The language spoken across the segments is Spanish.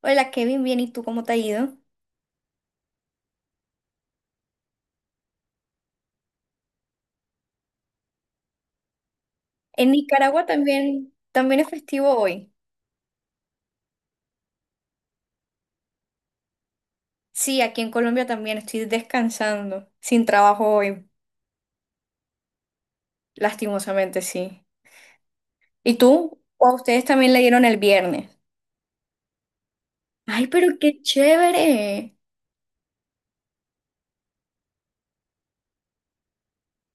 Hola Kevin, bien, ¿y tú cómo te ha ido? En Nicaragua también es festivo hoy. Sí, aquí en Colombia también estoy descansando, sin trabajo hoy, lastimosamente sí. ¿Y tú? ¿O a ustedes también le dieron el viernes? Ay, pero qué chévere.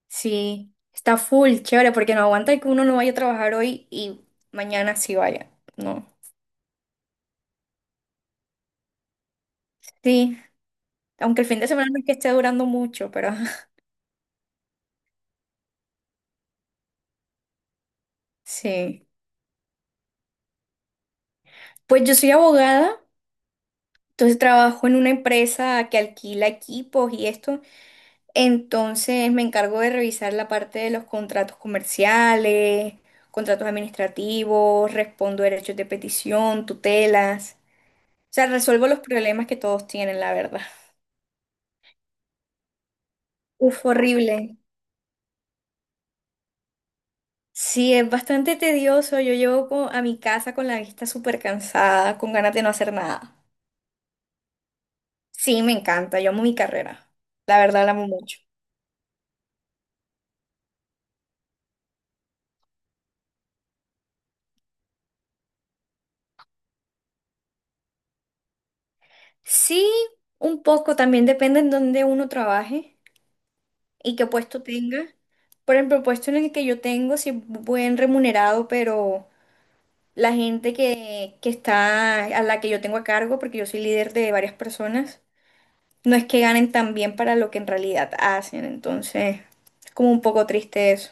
Sí, está full, chévere, porque no aguanta que uno no vaya a trabajar hoy y mañana sí vaya. No. Sí, aunque el fin de semana no es que esté durando mucho, pero sí. Pues yo soy abogada. Entonces trabajo en una empresa que alquila equipos y esto. Entonces me encargo de revisar la parte de los contratos comerciales, contratos administrativos, respondo derechos de petición, tutelas. O sea, resuelvo los problemas que todos tienen, la verdad. Uf, horrible. Sí, es bastante tedioso. A mi casa con la vista súper cansada, con ganas de no hacer nada. Sí, me encanta. Yo amo mi carrera. La verdad, la amo mucho. Sí, un poco, también depende en dónde uno trabaje y qué puesto tenga. Por ejemplo, el puesto en el que yo tengo sí es buen remunerado, pero la gente que está, a la que yo tengo a cargo, porque yo soy líder de varias personas, no es que ganen tan bien para lo que en realidad hacen, entonces es como un poco triste eso.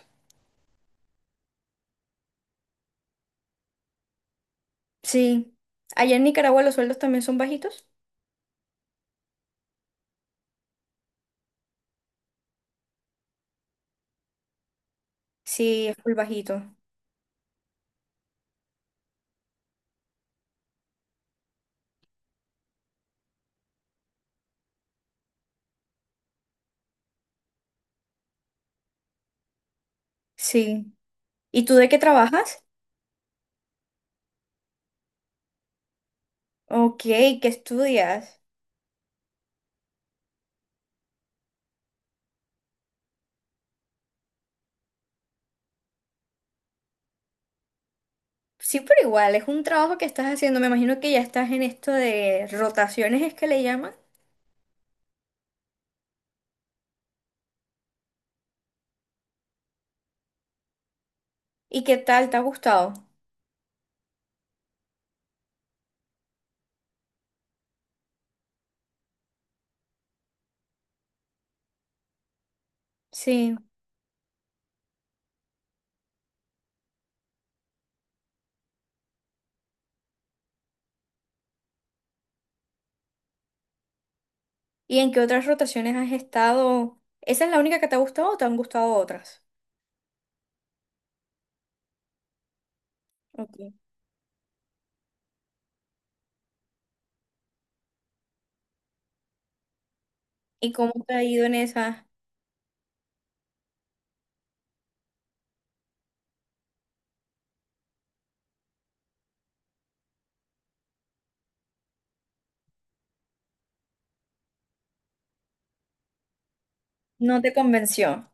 Sí, allá en Nicaragua los sueldos también son bajitos. Sí, es muy bajito. Sí. ¿Y tú de qué trabajas? Ok, ¿qué estudias? Sí, pero igual, es un trabajo que estás haciendo. Me imagino que ya estás en esto de rotaciones, es que le llaman. ¿Y qué tal? ¿Te ha gustado? Sí. ¿Y en qué otras rotaciones has estado? ¿Esa es la única que te ha gustado o te han gustado otras? Ok. ¿Y cómo te ha ido en esa? ¿No te convenció?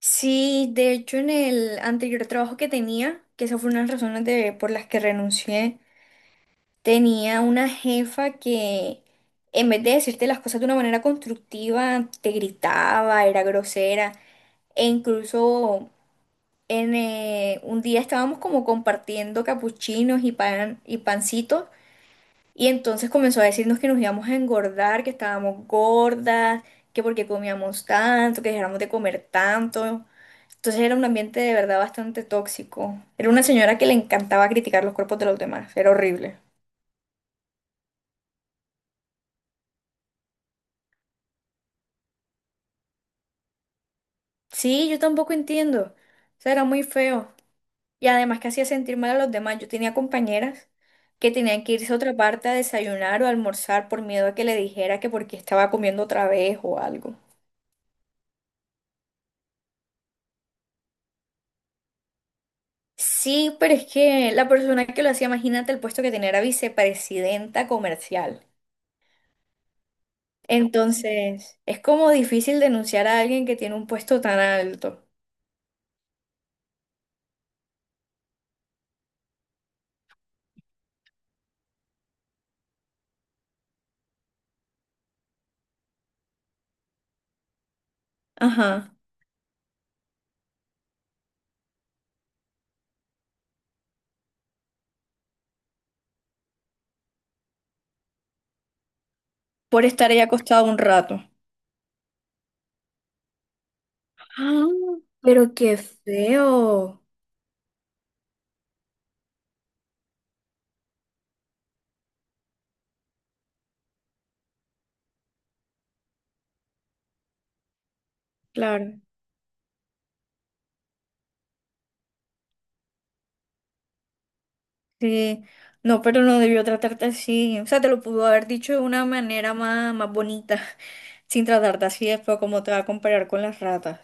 Sí, de hecho, en el anterior trabajo que tenía, que esa fue una de las razones por las que renuncié, tenía una jefa que en vez de decirte las cosas de una manera constructiva, te gritaba, era grosera. E incluso en, un día estábamos como compartiendo capuchinos y pan y pancitos. Y entonces comenzó a decirnos que nos íbamos a engordar, que estábamos gordas, que porque comíamos tanto, que dejáramos de comer tanto. Entonces era un ambiente de verdad bastante tóxico. Era una señora que le encantaba criticar los cuerpos de los demás. Era horrible. Sí, yo tampoco entiendo. O sea, era muy feo. Y además que hacía sentir mal a los demás. Yo tenía compañeras que tenían que irse a otra parte a desayunar o a almorzar por miedo a que le dijera que porque estaba comiendo otra vez o algo. Sí, pero es que la persona que lo hacía, imagínate el puesto que tenía era vicepresidenta comercial. Entonces, es como difícil denunciar a alguien que tiene un puesto tan alto. Ajá, por estar ahí acostado un rato. Ah, pero qué feo. Claro. Sí, no, pero no debió tratarte así. O sea, te lo pudo haber dicho de una manera más, más bonita, sin tratarte así después como te va a comparar con las ratas.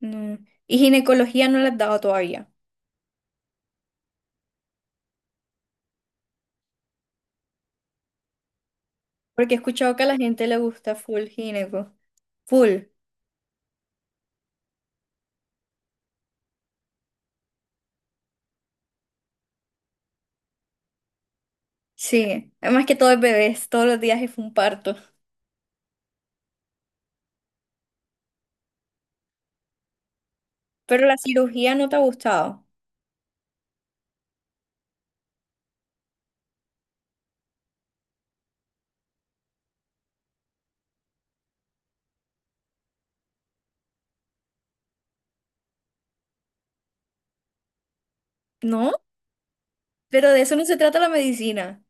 No. Y ginecología no la has dado todavía, porque he escuchado que a la gente le gusta full gineco. Full, sí. Además que todo es bebés, todos los días es un parto. Pero la cirugía no te ha gustado, ¿no? Pero de eso no se trata la medicina.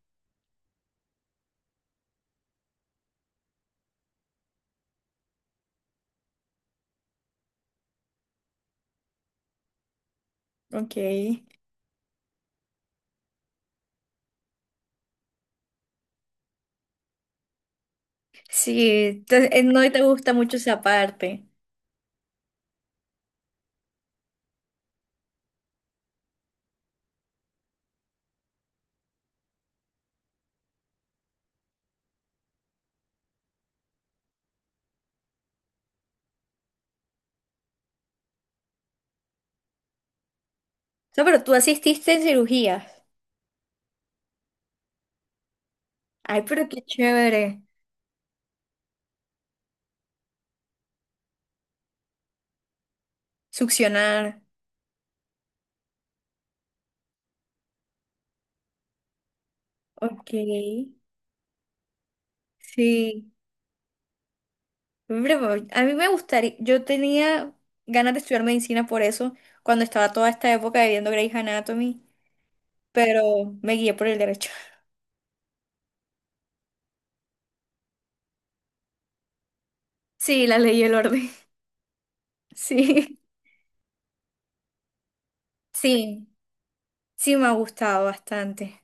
Ok. Sí, no te gusta mucho esa parte. O sea, pero tú asististe en cirugías. Ay, pero qué chévere. Succionar. Ok. Sí. Hombre, pues, a mí me gustaría. Yo tenía ganas de estudiar medicina por eso, cuando estaba toda esta época de viendo Grey's Anatomy, pero me guié por el derecho. Sí, la ley y el orden. Sí. Sí. Sí, me ha gustado bastante.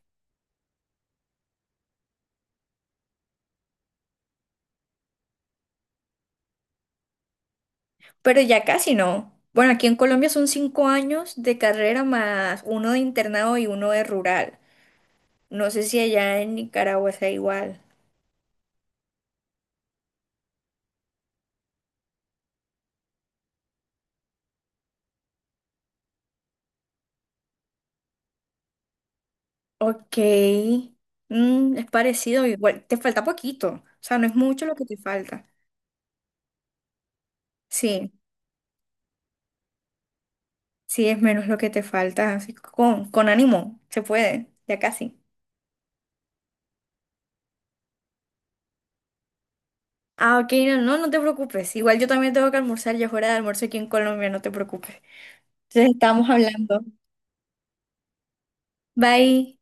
Pero ya casi no. Bueno, aquí en Colombia son 5 años de carrera más uno de internado y uno de rural. No sé si allá en Nicaragua sea igual. Ok. Mm, es parecido. Igual, te falta poquito. O sea, no es mucho lo que te falta. Sí, sí, es menos lo que te falta. Así que con ánimo, se puede, ya casi. Ah, ok, no, no, no te preocupes. Igual yo también tengo que almorzar, ya es hora de almuerzo aquí en Colombia, no te preocupes. Entonces estamos hablando. Bye.